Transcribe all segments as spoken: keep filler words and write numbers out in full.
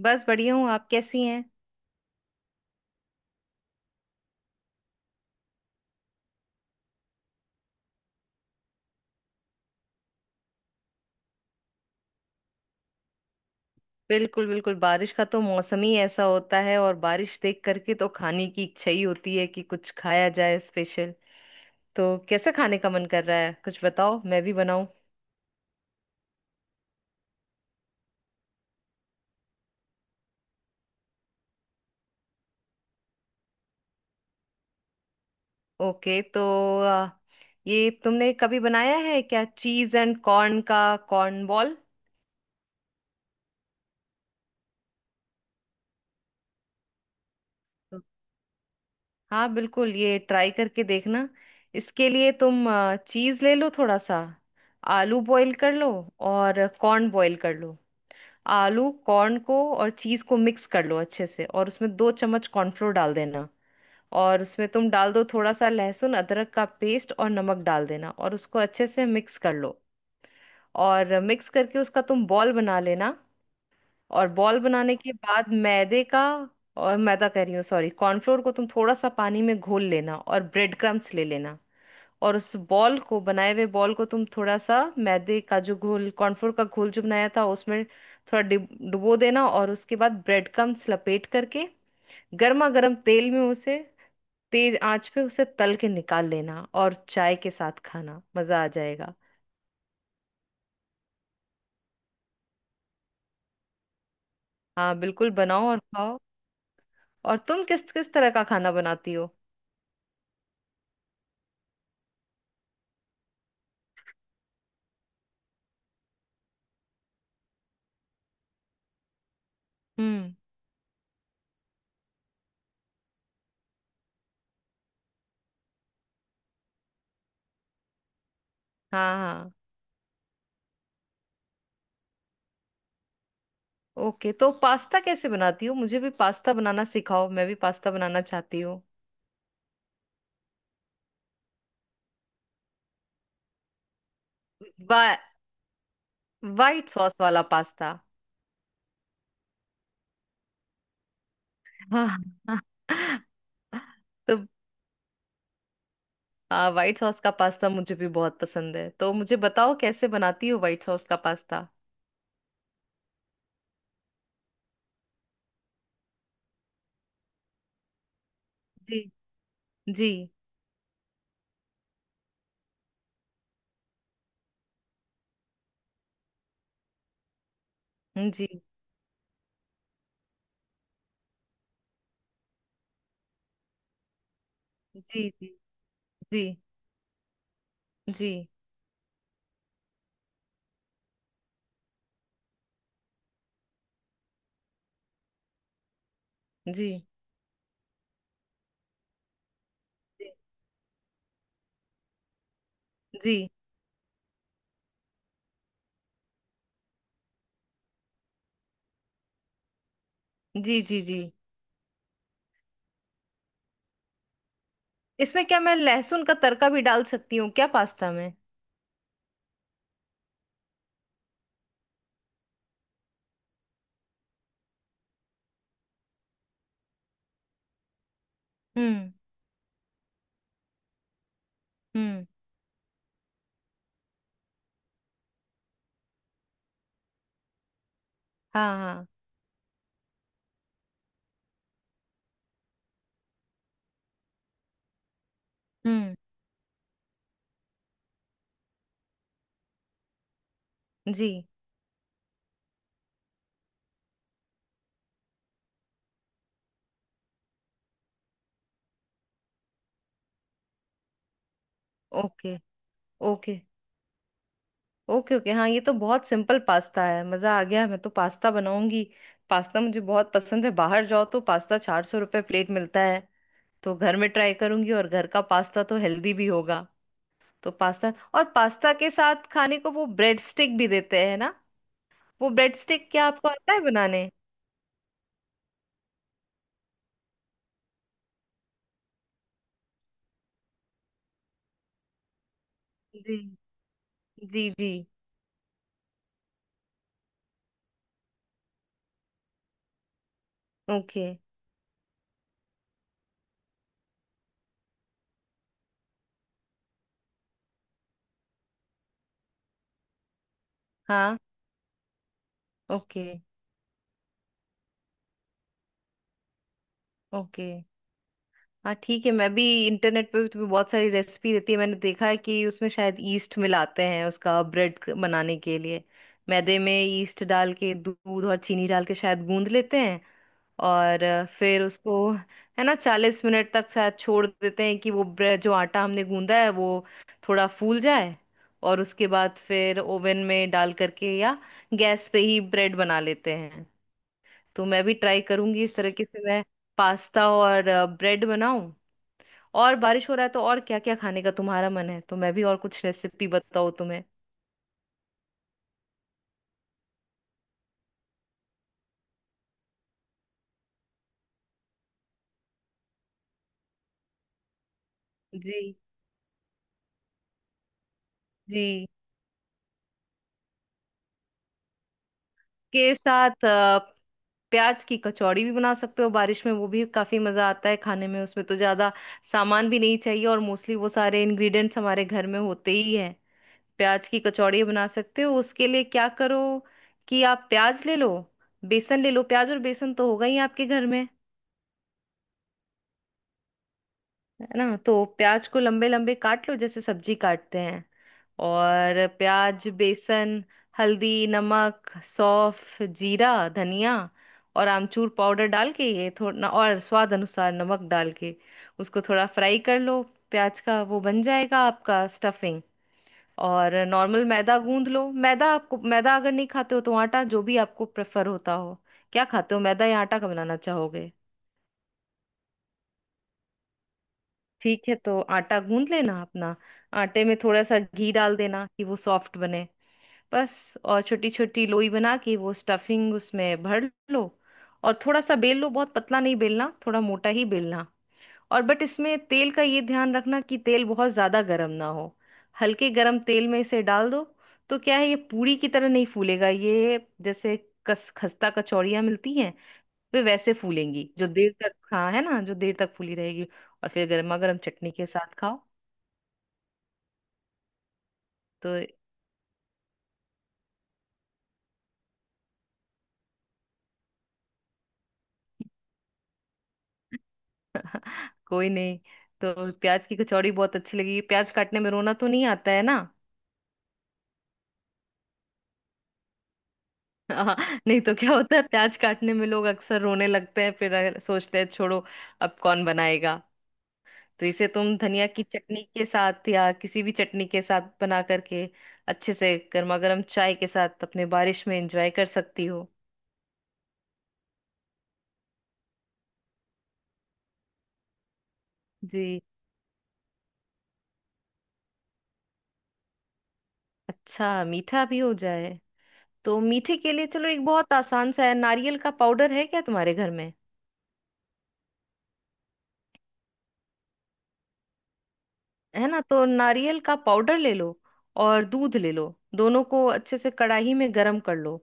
बस बढ़िया हूँ, आप कैसी हैं? बिल्कुल बिल्कुल, बारिश का तो मौसम ही ऐसा होता है और बारिश देख करके तो खाने की इच्छा ही होती है कि कुछ खाया जाए स्पेशल। तो कैसे खाने का मन कर रहा है, कुछ बताओ, मैं भी बनाऊं। ओके, तो आ, ये तुमने कभी बनाया है क्या चीज एंड कॉर्न का कॉर्न बॉल? हाँ बिल्कुल, ये ट्राई करके देखना। इसके लिए तुम चीज ले लो थोड़ा सा, आलू बॉईल कर लो और कॉर्न बॉईल कर लो। आलू कॉर्न को और चीज को मिक्स कर लो अच्छे से और उसमें दो चम्मच कॉर्नफ्लोर डाल देना। और उसमें तुम डाल दो थोड़ा सा लहसुन अदरक का पेस्ट और नमक डाल देना और उसको अच्छे से मिक्स कर लो। और मिक्स करके उसका तुम बॉल बना लेना। और बॉल बनाने के बाद मैदे का, और मैदा कह रही हूँ, सॉरी, कॉर्नफ्लोर को तुम थोड़ा सा पानी में घोल लेना और ब्रेड क्रम्स ले लेना। और उस बॉल को, बनाए हुए बॉल को तुम थोड़ा सा मैदे का जो घोल, कॉर्नफ्लोर का घोल जो बनाया था उसमें थोड़ा डिब- डुबो देना और उसके बाद ब्रेड क्रम्स लपेट करके गर्मा गर्म तेल में उसे, तेज आंच पे उसे तल के निकाल लेना और चाय के साथ खाना, मजा आ जाएगा। हाँ बिल्कुल, बनाओ और खाओ। और तुम किस किस तरह का खाना बनाती हो? हम्म। हाँ, हाँ। ओके, तो पास्ता कैसे बनाती हो? मुझे भी पास्ता बनाना सिखाओ, मैं भी पास्ता बनाना चाहती हूँ। वा, वाइट सॉस वाला पास्ता। हाँ, हाँ, तो व्हाइट सॉस का पास्ता मुझे भी बहुत पसंद है, तो मुझे बताओ कैसे बनाती हो व्हाइट सॉस का पास्ता। जी। जी। जी। जी। जी। जी। जी। जी। जी। जी। जी। जी। इसमें क्या मैं लहसुन का तड़का भी डाल सकती हूँ क्या पास्ता में? हम्म। हम्म। हाँ, हाँ। हम्म। जी। ओके। ओके। ओके। ओके, हाँ, ये तो बहुत सिंपल पास्ता है, मज़ा आ गया, मैं तो पास्ता बनाऊंगी। पास्ता मुझे बहुत पसंद है, बाहर जाओ तो पास्ता चार सौ रुपये प्लेट मिलता है। तो घर में ट्राई करूंगी और घर का पास्ता तो हेल्दी भी होगा। तो पास्ता, और पास्ता के साथ खाने को वो ब्रेड स्टिक भी देते हैं ना, वो ब्रेड स्टिक क्या आपको आता है बनाने? जी जी जी। ओके। हाँ। ओके। ओके, हाँ ठीक है, मैं भी इंटरनेट पे भी तुम्हें बहुत सारी रेसिपी देती है, मैंने देखा है कि उसमें शायद ईस्ट मिलाते हैं उसका, ब्रेड बनाने के लिए मैदे में ईस्ट डाल के दूध और चीनी डाल के शायद गूंद लेते हैं। और अ, फिर उसको है ना चालीस मिनट तक शायद छोड़ देते हैं कि वो ब्रेड, जो आटा हमने गूंदा है वो थोड़ा फूल जाए। और उसके बाद फिर ओवन में डाल करके या गैस पे ही ब्रेड बना लेते हैं। तो मैं भी ट्राई करूंगी इस तरीके से, मैं पास्ता और ब्रेड बनाऊं। और बारिश हो रहा है तो और क्या क्या खाने का तुम्हारा मन है? तो मैं भी और कुछ रेसिपी बताऊँ तुम्हें। जी। जी के साथ अ, प्याज की कचौड़ी भी बना सकते हो बारिश में, वो भी काफी मजा आता है खाने में, उसमें तो ज्यादा सामान भी नहीं चाहिए और मोस्टली वो सारे इंग्रेडिएंट्स हमारे घर में होते ही हैं। प्याज की कचौड़ी बना सकते हो, उसके लिए क्या करो कि आप प्याज ले लो, बेसन ले लो, प्याज और बेसन तो होगा ही आपके घर में, है ना? तो प्याज को लंबे लंबे काट लो जैसे सब्जी काटते हैं। और प्याज, बेसन, हल्दी, नमक, सौंफ, जीरा, धनिया और आमचूर पाउडर डाल के ये थोड़ा, और स्वाद अनुसार नमक डाल के उसको थोड़ा फ्राई कर लो। प्याज का वो बन जाएगा आपका स्टफिंग। और नॉर्मल मैदा गूंद लो, मैदा आपको, मैदा अगर नहीं खाते हो तो आटा, जो भी आपको प्रेफर होता हो, क्या खाते हो, मैदा या आटा का बनाना चाहोगे? ठीक है, तो आटा गूंद लेना अपना, आटे में थोड़ा सा घी डाल देना कि वो सॉफ्ट बने, बस। और छोटी छोटी लोई बना के वो स्टफिंग उसमें भर लो और थोड़ा सा बेल लो, बहुत पतला नहीं बेलना, थोड़ा मोटा ही बेलना। और बट इसमें तेल का ये ध्यान रखना कि तेल बहुत ज्यादा गर्म ना हो, हल्के गर्म तेल में इसे डाल दो। तो क्या है, ये पूरी की तरह नहीं फूलेगा, ये जैसे कस खस्ता कचौड़ियाँ मिलती हैं वे वैसे फूलेंगी, जो देर तक, हाँ है ना, जो देर तक फूली रहेगी। और फिर गर्मा गर्म चटनी के साथ खाओ। तो कोई नहीं, तो प्याज की कचौड़ी बहुत अच्छी लगी, प्याज काटने में रोना तो नहीं आता है ना? हाँ। नहीं तो क्या होता है, प्याज काटने में लोग अक्सर रोने लगते हैं, फिर अ, सोचते हैं छोड़ो, अब कौन बनाएगा। तो इसे तुम धनिया की चटनी के साथ या किसी भी चटनी के साथ बना करके अच्छे से गर्मा गर्म चाय के साथ अपने बारिश में एंजॉय कर सकती हो। जी, अच्छा, मीठा भी हो जाए। तो मीठे के लिए चलो, एक बहुत आसान सा है, नारियल का पाउडर है क्या तुम्हारे घर में? है ना, तो नारियल का पाउडर ले लो और दूध ले लो, दोनों को अच्छे से कढ़ाई में गरम कर लो।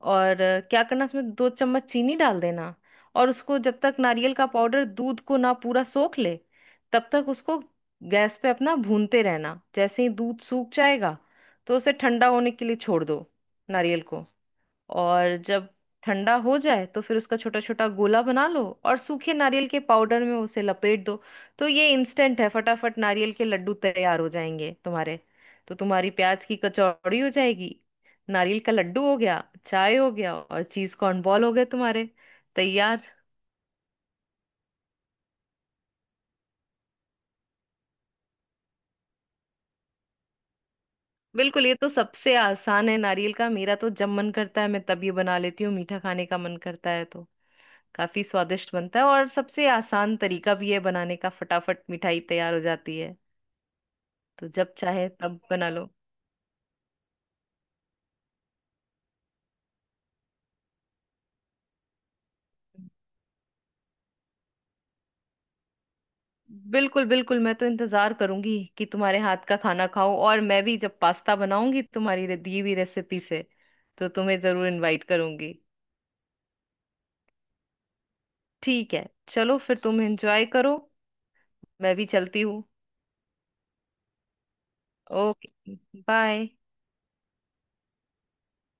और अ, क्या करना, उसमें दो चम्मच चीनी डाल देना। और उसको जब तक नारियल का पाउडर दूध को ना पूरा सोख ले तब तक उसको गैस पे अपना भूनते रहना। जैसे ही दूध सूख जाएगा तो उसे ठंडा होने के लिए छोड़ दो, नारियल को। और जब ठंडा हो जाए तो फिर उसका छोटा छोटा गोला बना लो और सूखे नारियल के पाउडर में उसे लपेट दो। तो ये इंस्टेंट है, फटाफट नारियल के लड्डू तैयार हो जाएंगे तुम्हारे। तो तुम्हारी प्याज की कचौड़ी हो जाएगी, नारियल का लड्डू हो गया, चाय हो गया, और चीज कॉर्न बॉल हो गए तुम्हारे तैयार। बिल्कुल, ये तो सबसे आसान है, नारियल का। मेरा तो जब मन करता है मैं तब ये बना लेती हूँ, मीठा खाने का मन करता है तो काफी स्वादिष्ट बनता है और सबसे आसान तरीका भी है बनाने का, फटाफट मिठाई तैयार हो जाती है। तो जब चाहे तब बना लो। बिल्कुल बिल्कुल, मैं तो इंतजार करूंगी कि तुम्हारे हाथ का खाना खाऊं, और मैं भी जब पास्ता बनाऊंगी तुम्हारी रे- दी हुई रेसिपी से तो तुम्हें जरूर इनवाइट करूंगी। ठीक है, चलो फिर तुम एंजॉय करो, मैं भी चलती हूँ। ओके। बाय।